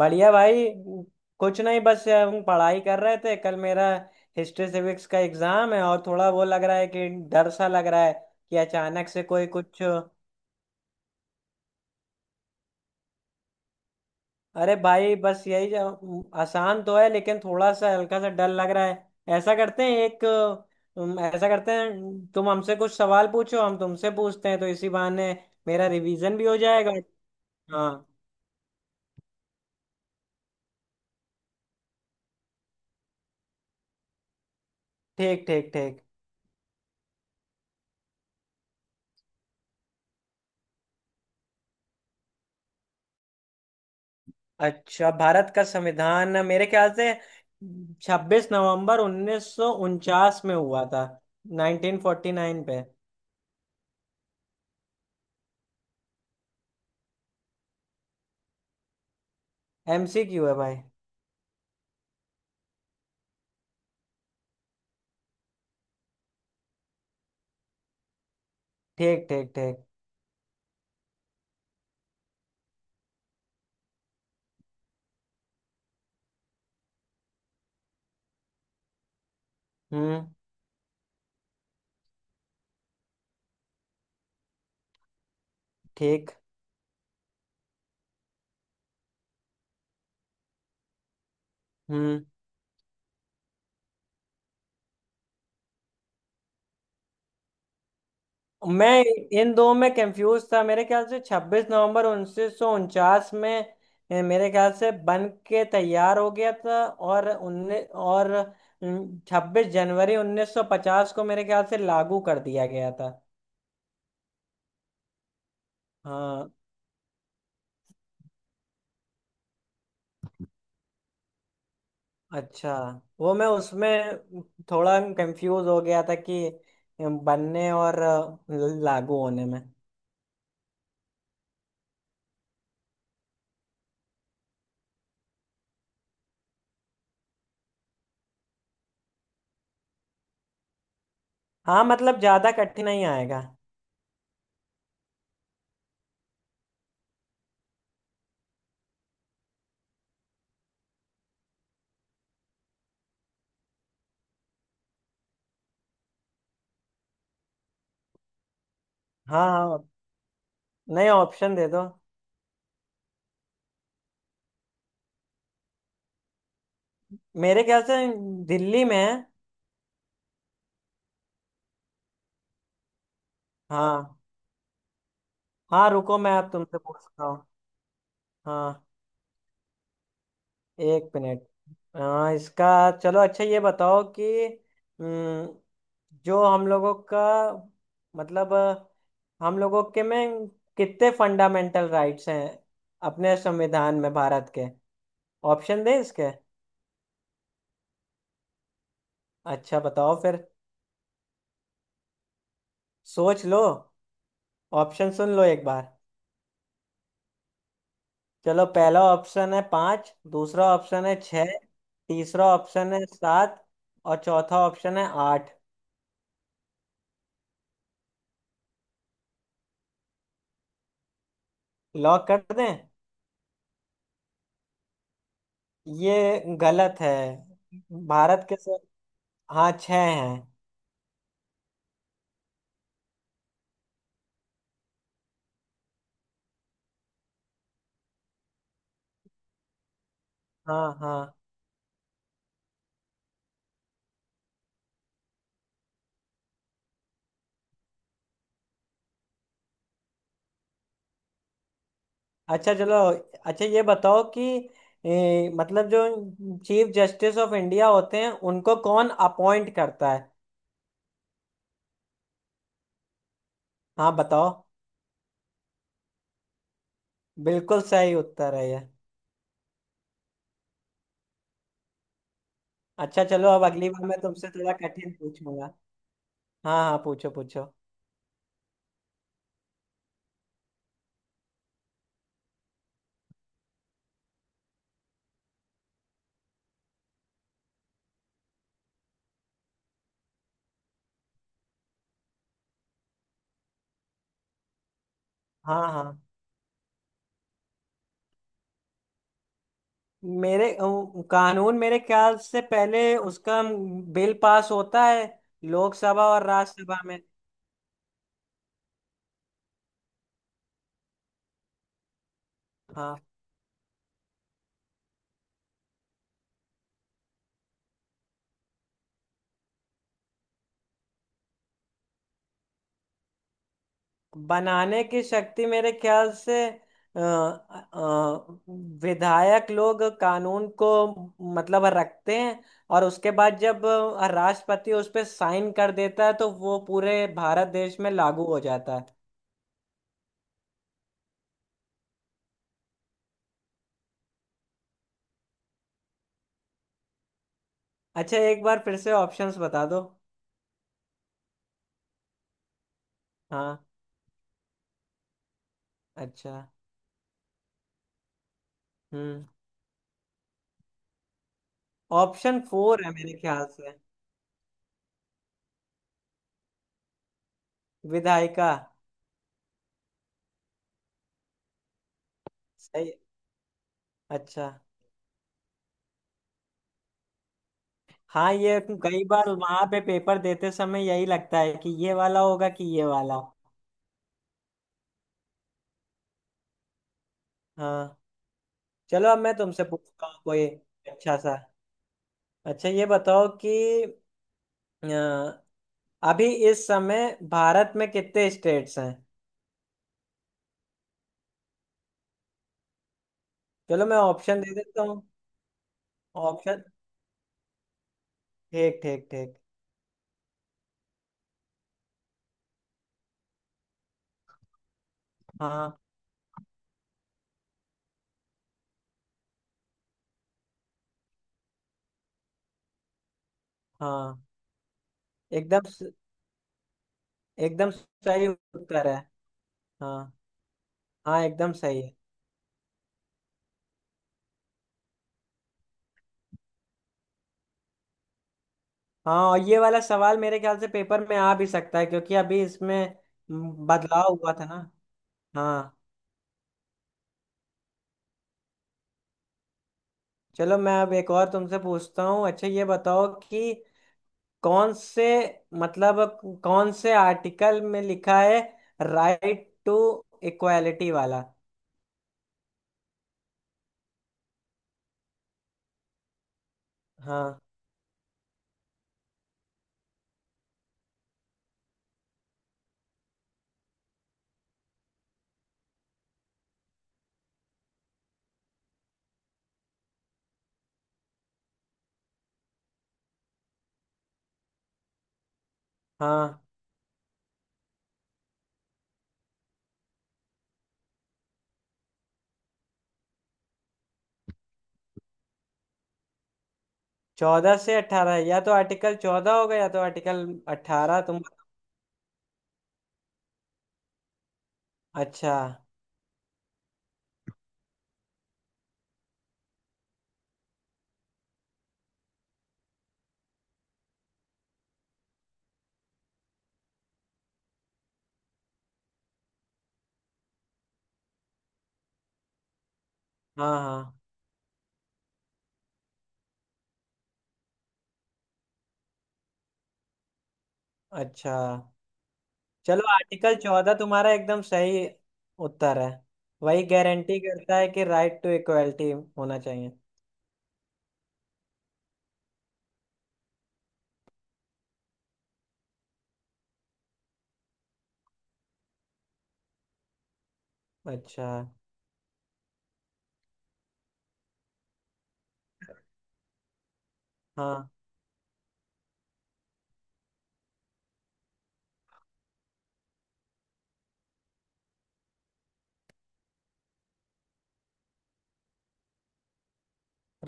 बढ़िया भाई। कुछ नहीं, बस हम पढ़ाई कर रहे थे। कल मेरा हिस्ट्री सिविक्स का एग्जाम है और थोड़ा वो लग रहा है कि डर सा लग रहा है कि अचानक से कोई कुछ। अरे भाई बस आसान तो है, लेकिन थोड़ा सा हल्का सा डर लग रहा है। ऐसा करते हैं, तुम हमसे कुछ सवाल पूछो, हम तुमसे पूछते हैं, तो इसी बहाने मेरा रिवीजन भी हो जाएगा। हाँ। ठीक ठीक ठीक। अच्छा, भारत का संविधान मेरे ख्याल से 26 नवंबर 1949 में हुआ था, 1949 पे। एमसीक्यू है भाई। ठीक ठीक ठीक। हम्म। ठीक। हम्म। मैं इन दो में कंफ्यूज था। मेरे ख्याल से छब्बीस नवंबर उन्नीस सौ उनचास में मेरे ख्याल से बन के तैयार हो गया था, और उन्नीस और 26 जनवरी 1950 को मेरे ख्याल से लागू कर दिया गया था। हाँ। अच्छा। वो मैं उसमें थोड़ा कंफ्यूज हो गया था कि बनने और लागू होने में। हाँ, मतलब ज्यादा कठिन नहीं आएगा। हाँ हाँ। नया ऑप्शन दे दो। मेरे ख्याल से दिल्ली में है। हाँ हाँ, रुको, मैं अब तुमसे पूछता हूँ। हाँ, एक मिनट। हाँ, इसका। चलो, अच्छा ये बताओ कि हम्म, जो हम लोगों का, मतलब हम लोगों के में कितने फंडामेंटल राइट्स हैं अपने संविधान में, भारत के। ऑप्शन दें इसके? अच्छा, बताओ फिर। सोच लो, ऑप्शन सुन लो एक बार। चलो, पहला ऑप्शन है पाँच, दूसरा ऑप्शन है छः, तीसरा ऑप्शन है सात, और चौथा ऑप्शन है आठ। लॉक कर दें? ये गलत है। भारत के सर-, हाँ छः हैं। हाँ हाँ। अच्छा चलो। अच्छा ये बताओ कि मतलब जो चीफ जस्टिस ऑफ इंडिया होते हैं उनको कौन अपॉइंट करता है। हाँ, बताओ। बिल्कुल सही उत्तर है ये। अच्छा चलो, अब अगली बार मैं तुमसे थोड़ा कठिन पूछूंगा। हाँ हाँ, पूछो पूछो। हाँ हाँ। मेरे कानून मेरे ख्याल से पहले उसका बिल पास होता है, लोकसभा और राज्यसभा में। हाँ। बनाने की शक्ति मेरे ख्याल से अ, अ, विधायक लोग कानून को, मतलब, रखते हैं, और उसके बाद जब राष्ट्रपति उस पे साइन कर देता है, तो वो पूरे भारत देश में लागू हो जाता है। अच्छा, एक बार फिर से ऑप्शंस बता दो। हाँ। अच्छा। हम्म। ऑप्शन फोर है मेरे ख्याल से। विधायिका। सही। अच्छा। हाँ, ये कई बार वहां पे पेपर देते समय यही लगता है कि ये वाला होगा कि ये वाला। हाँ। चलो, अब मैं तुमसे पूछता हूँ कोई अच्छा सा। अच्छा ये बताओ कि अ, अभी इस समय भारत में कितने स्टेट्स हैं। चलो, मैं ऑप्शन दे देता हूँ। ऑप्शन। ठीक ठीक ठीक। हाँ हाँ, एकदम स-। एकदम सही उत्तर है। हाँ हाँ, एकदम सही है। हाँ, और ये वाला सवाल मेरे ख्याल से पेपर में आ भी सकता है, क्योंकि अभी इसमें बदलाव हुआ था ना। हाँ। चलो, मैं अब एक और तुमसे पूछता हूँ। अच्छा ये बताओ कि कौन से कौन से आर्टिकल में लिखा है राइट टू इक्वालिटी वाला। हाँ हाँ। 14 से 18, या तो आर्टिकल 14 होगा या तो आर्टिकल 18। तुम? अच्छा। हाँ हाँ। अच्छा, चलो आर्टिकल 14 तुम्हारा एकदम सही उत्तर है। वही गारंटी करता है कि राइट टू इक्वालिटी होना चाहिए। अच्छा। हाँ।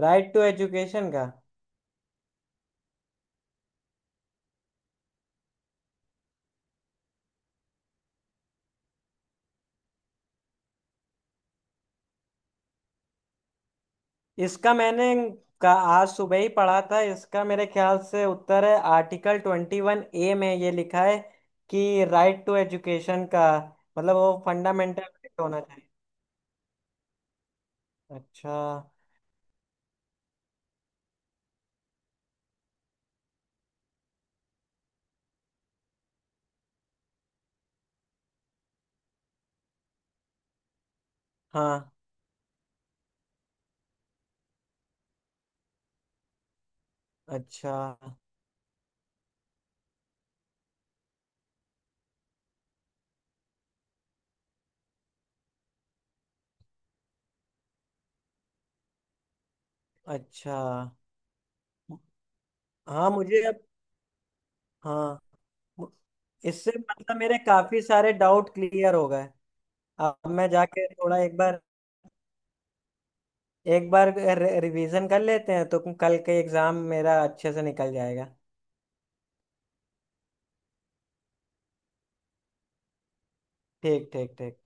राइट टू एजुकेशन का। इसका मैंने का आज सुबह ही पढ़ा था। इसका मेरे ख्याल से उत्तर है, आर्टिकल 21A में ये लिखा है कि राइट टू एजुकेशन का मतलब वो फंडामेंटल राइट होना चाहिए। अच्छा। हाँ। अच्छा। अच्छा। हाँ, मुझे अब, हाँ, मु-, इससे मतलब मेरे काफी सारे डाउट क्लियर हो गए। अब मैं जाके थोड़ा एक बार, एक बार रिवीजन कर लेते हैं, तो कल के एग्जाम मेरा अच्छे से निकल जाएगा। ठीक ठीक ठीक।